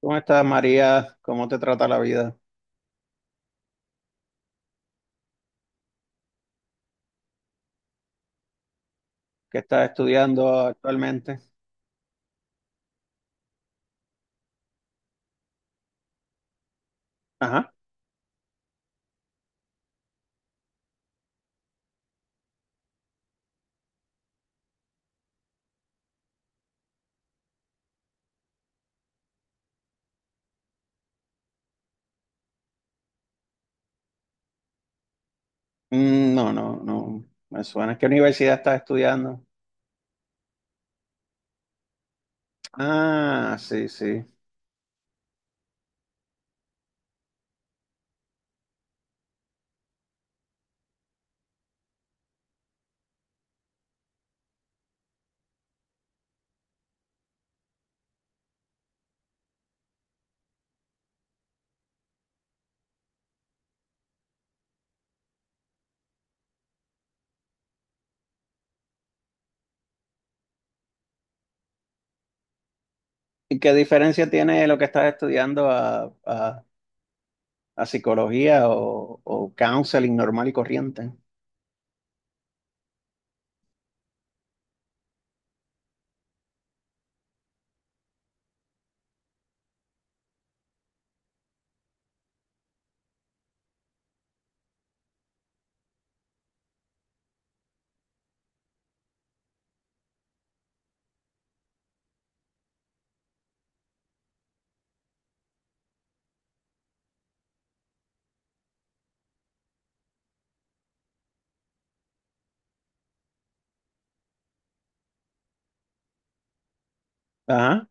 ¿Cómo estás, María? ¿Cómo te trata la vida? ¿Qué estás estudiando actualmente? Ajá. Mm, no. Me suena. ¿Qué universidad estás estudiando? Ah, sí, sí. ¿Y qué diferencia tiene lo que estás estudiando a a psicología o counseling normal y corriente? Ajá.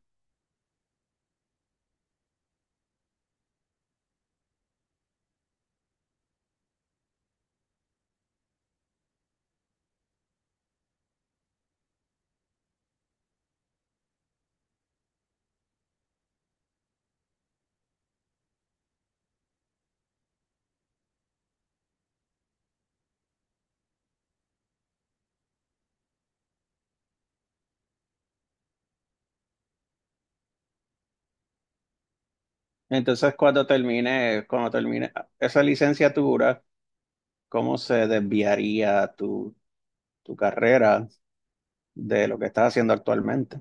Entonces, cuando termine esa licenciatura, ¿cómo se desviaría tu carrera de lo que estás haciendo actualmente?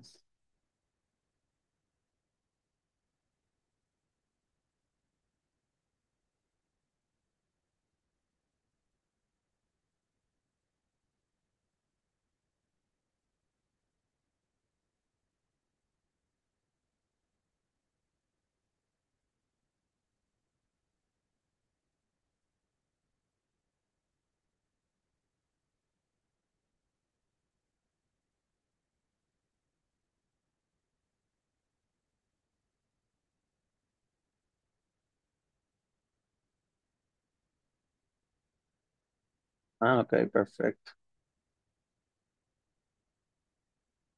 Ah, ok, perfecto.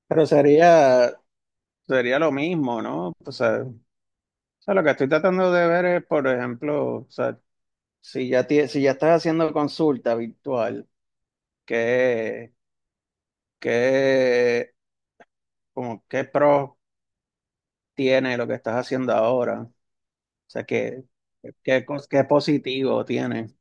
Pero sería, Sería lo mismo, ¿no? O sea, lo que estoy tratando de ver es, por ejemplo, o sea, si ya, si ya estás haciendo consulta virtual, ¿qué, qué, ¿qué pros tiene lo que estás haciendo ahora? O sea, ¿qué positivo tiene?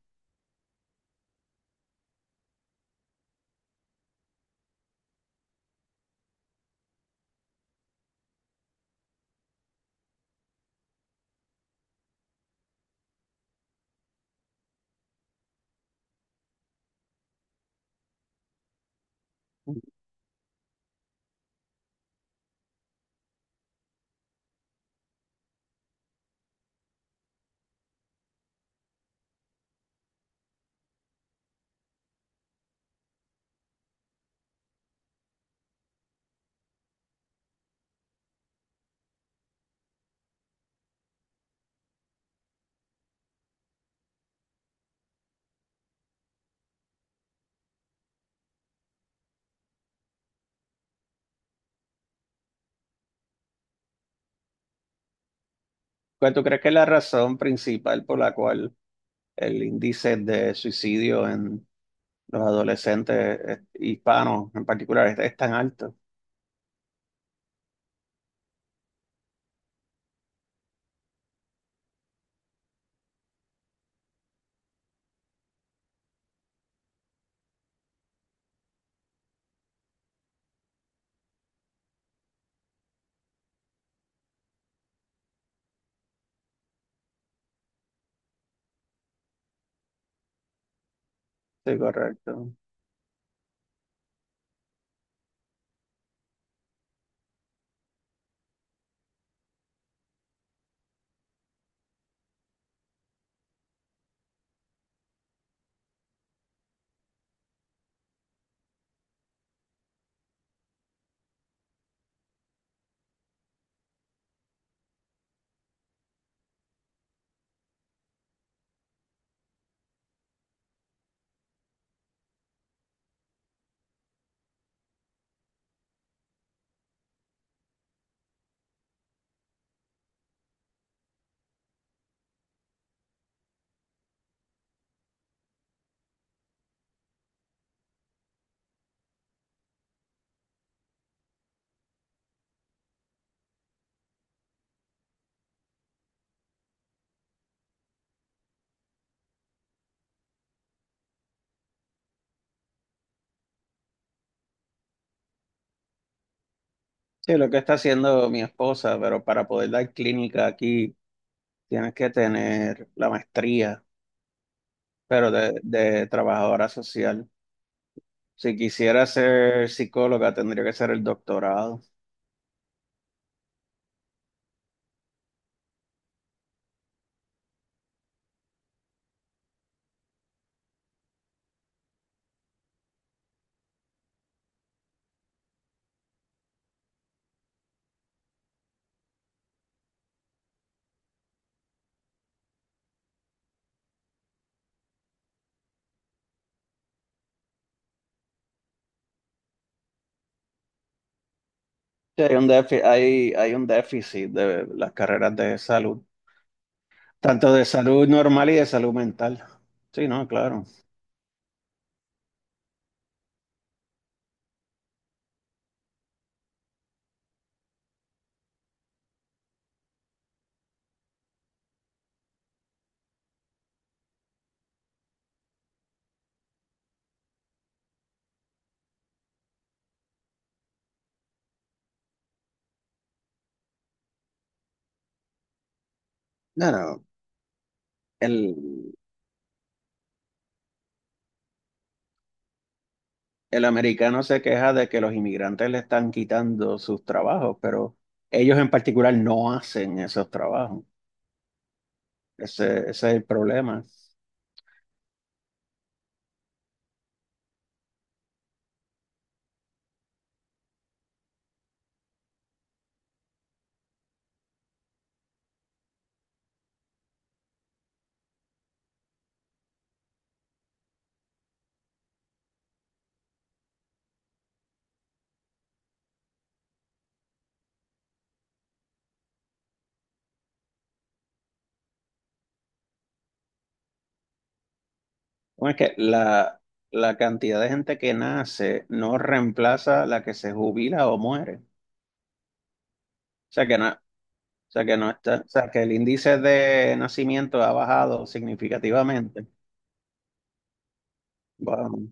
¿Cuál tú crees que es la razón principal por la cual el índice de suicidio en los adolescentes hispanos en particular es tan alto? Sí, correcto. Sí, lo que está haciendo mi esposa, pero para poder dar clínica aquí tienes que tener la maestría, pero de trabajadora social. Si quisiera ser psicóloga, tendría que ser el doctorado. Sí, hay un déficit, hay un déficit de las carreras de salud, tanto de salud normal y de salud mental. Sí, no, claro. No, no, el, el americano se queja de que los inmigrantes le están quitando sus trabajos, pero ellos en particular no hacen esos trabajos. Ese es el problema. Bueno, es que la cantidad de gente que nace no reemplaza la que se jubila o muere. O sea que no, o sea que no está, o sea que el índice de nacimiento ha bajado significativamente. Wow.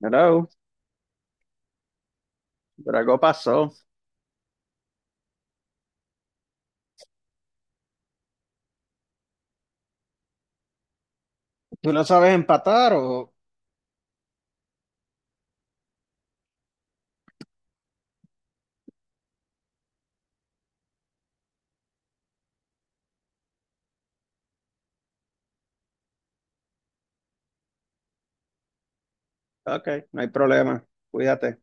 Hello, pero algo pasó. ¿Tú no sabes empatar o? Ok, no hay problema. Cuídate.